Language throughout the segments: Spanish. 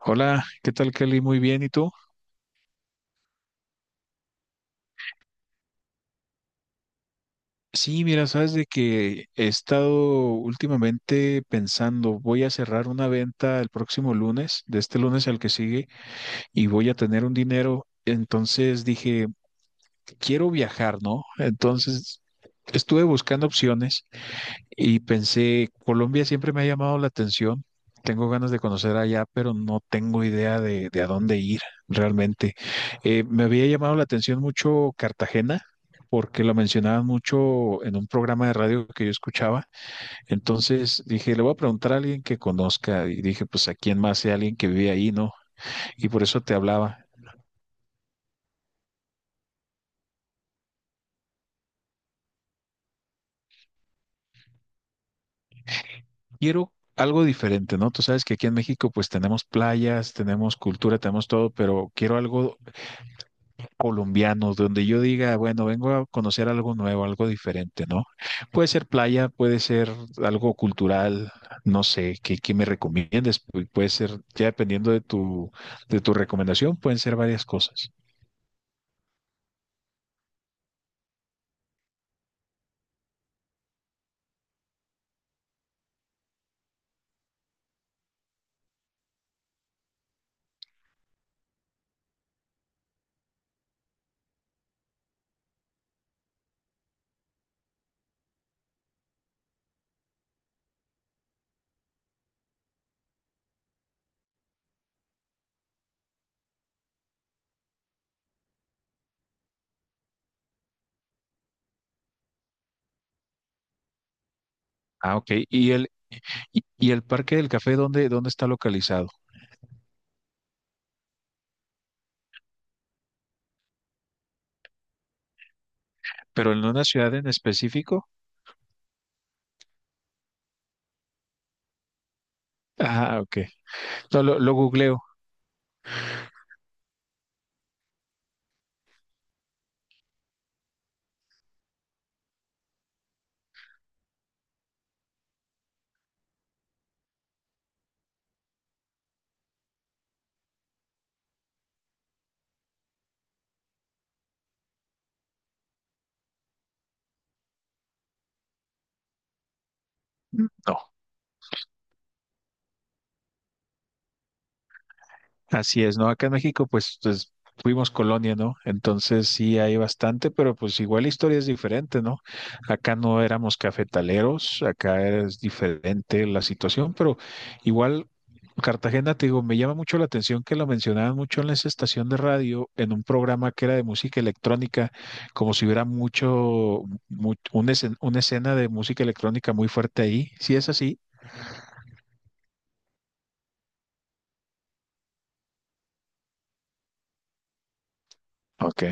Hola, ¿qué tal Kelly? Muy bien, ¿y tú? Sí, mira, sabes de que he estado últimamente pensando, voy a cerrar una venta el próximo lunes, de este lunes al que sigue, y voy a tener un dinero. Entonces dije, quiero viajar, ¿no? Entonces estuve buscando opciones. Y pensé, Colombia siempre me ha llamado la atención. Tengo ganas de conocer allá, pero no tengo idea de a dónde ir realmente. Me había llamado la atención mucho Cartagena, porque lo mencionaban mucho en un programa de radio que yo escuchaba. Entonces dije, le voy a preguntar a alguien que conozca. Y dije, pues a quién más, si alguien que vive ahí, ¿no? Y por eso te hablaba. Quiero algo diferente, ¿no? Tú sabes que aquí en México pues tenemos playas, tenemos cultura, tenemos todo, pero quiero algo colombianos, donde yo diga, bueno, vengo a conocer algo nuevo, algo diferente, ¿no? Puede ser playa, puede ser algo cultural, no sé, ¿qué me recomiendes? Puede ser, ya dependiendo de de tu recomendación, pueden ser varias cosas. Ah, ok. ¿Y y el Parque del Café, dónde está localizado? ¿Pero en una ciudad en específico? Ah, ok. No, lo googleo. No. Así es, ¿no? Acá en México, pues fuimos colonia, ¿no? Entonces sí hay bastante, pero pues igual la historia es diferente, ¿no? Acá no éramos cafetaleros, acá es diferente la situación, pero igual Cartagena, te digo, me llama mucho la atención que lo mencionaban mucho en esa estación de radio, en un programa que era de música electrónica, como si hubiera mucho, una una escena de música electrónica muy fuerte ahí. ¿Sí es así? Ok,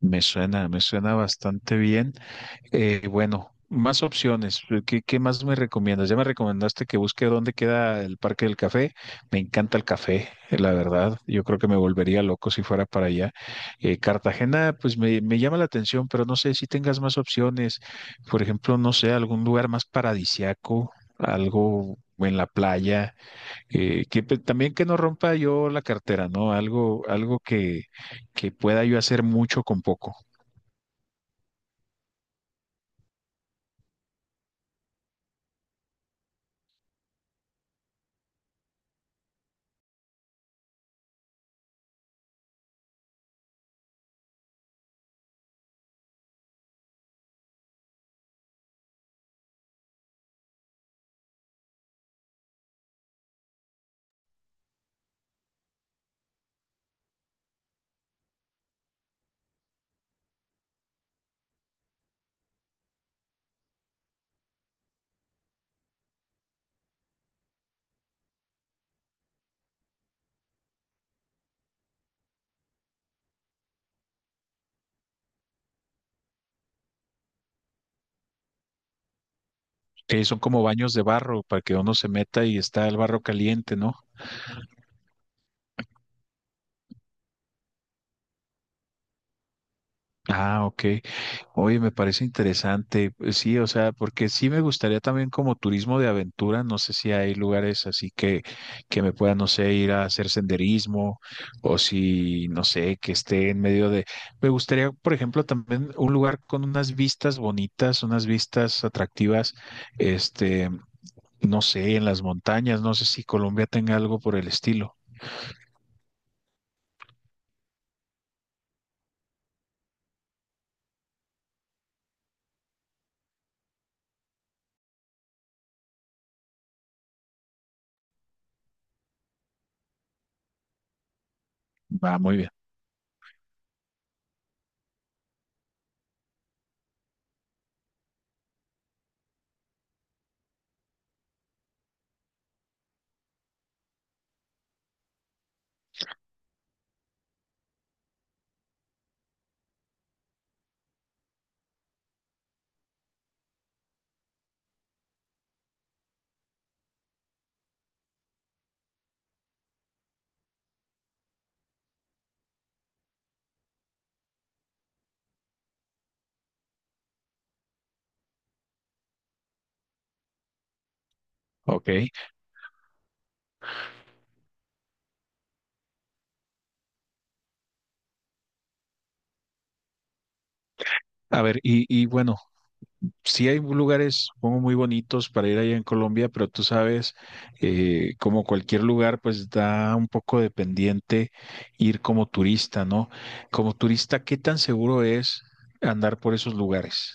me suena bastante bien. Bueno, más opciones. Qué más me recomiendas? Ya me recomendaste que busque dónde queda el Parque del Café. Me encanta el café, la verdad. Yo creo que me volvería loco si fuera para allá. Cartagena, pues me llama la atención, pero no sé si tengas más opciones. Por ejemplo, no sé, algún lugar más paradisiaco, algo en la playa, que también que no rompa yo la cartera, ¿no? Algo, algo que pueda yo hacer mucho con poco. Sí, son como baños de barro para que uno se meta y está el barro caliente, ¿no? Ah, ok. Oye, me parece interesante. Pues sí, o sea, porque sí me gustaría también como turismo de aventura. No sé si hay lugares así que me pueda, no sé, ir a hacer senderismo o si, no sé, que esté en medio de... Me gustaría, por ejemplo, también un lugar con unas vistas bonitas, unas vistas atractivas, este, no sé, en las montañas. No sé si Colombia tenga algo por el estilo. Va, muy bien. Ok, a ver, y bueno, sí hay lugares, supongo, muy bonitos para ir allá en Colombia, pero tú sabes, como cualquier lugar, pues da un poco de pendiente ir como turista, ¿no? Como turista, ¿qué tan seguro es andar por esos lugares?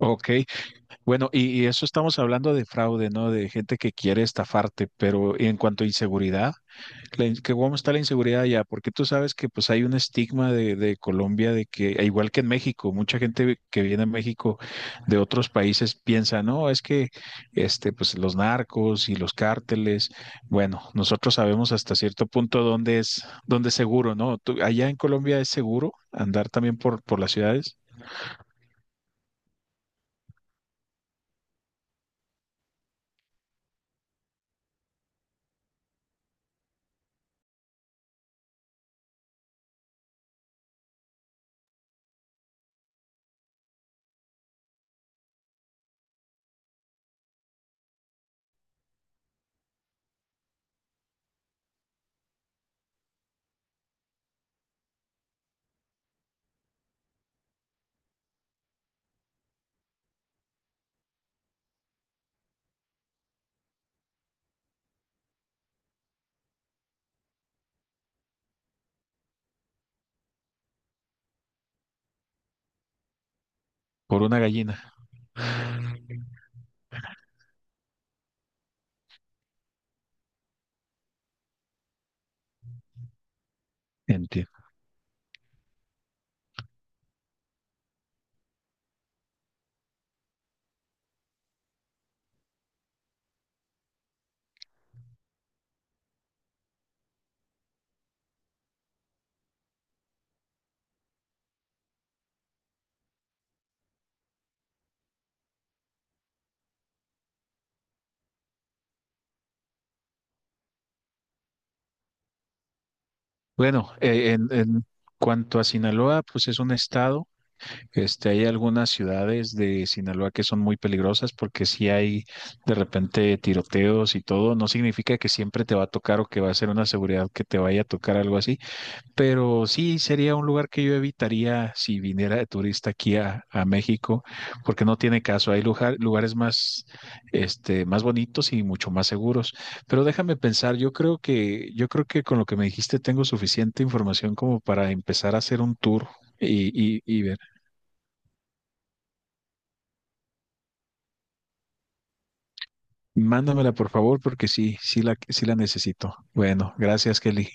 Ok, bueno, y eso estamos hablando de fraude, ¿no? De gente que quiere estafarte, pero en cuanto a inseguridad, la que ¿cómo está la inseguridad allá? Porque tú sabes que pues hay un estigma de Colombia de que, e igual que en México, mucha gente que viene a México de otros países piensa, no, es que este, pues los narcos y los cárteles, bueno, nosotros sabemos hasta cierto punto dónde es seguro, ¿no? Tú- allá en Colombia es seguro andar también por las ciudades, por una gallina. Bueno, en cuanto a Sinaloa, pues es un estado. Este, hay algunas ciudades de Sinaloa que son muy peligrosas porque si hay de repente tiroteos y todo, no significa que siempre te va a tocar o que va a ser una seguridad que te vaya a tocar algo así, pero sí, sería un lugar que yo evitaría si viniera de turista aquí a México, porque no tiene caso. Hay lugar- lugares más, este, más bonitos y mucho más seguros. Pero déjame pensar, yo creo que con lo que me dijiste tengo suficiente información como para empezar a hacer un tour y ver. Mándamela, por favor, porque sí, sí la necesito. Bueno, gracias, Kelly.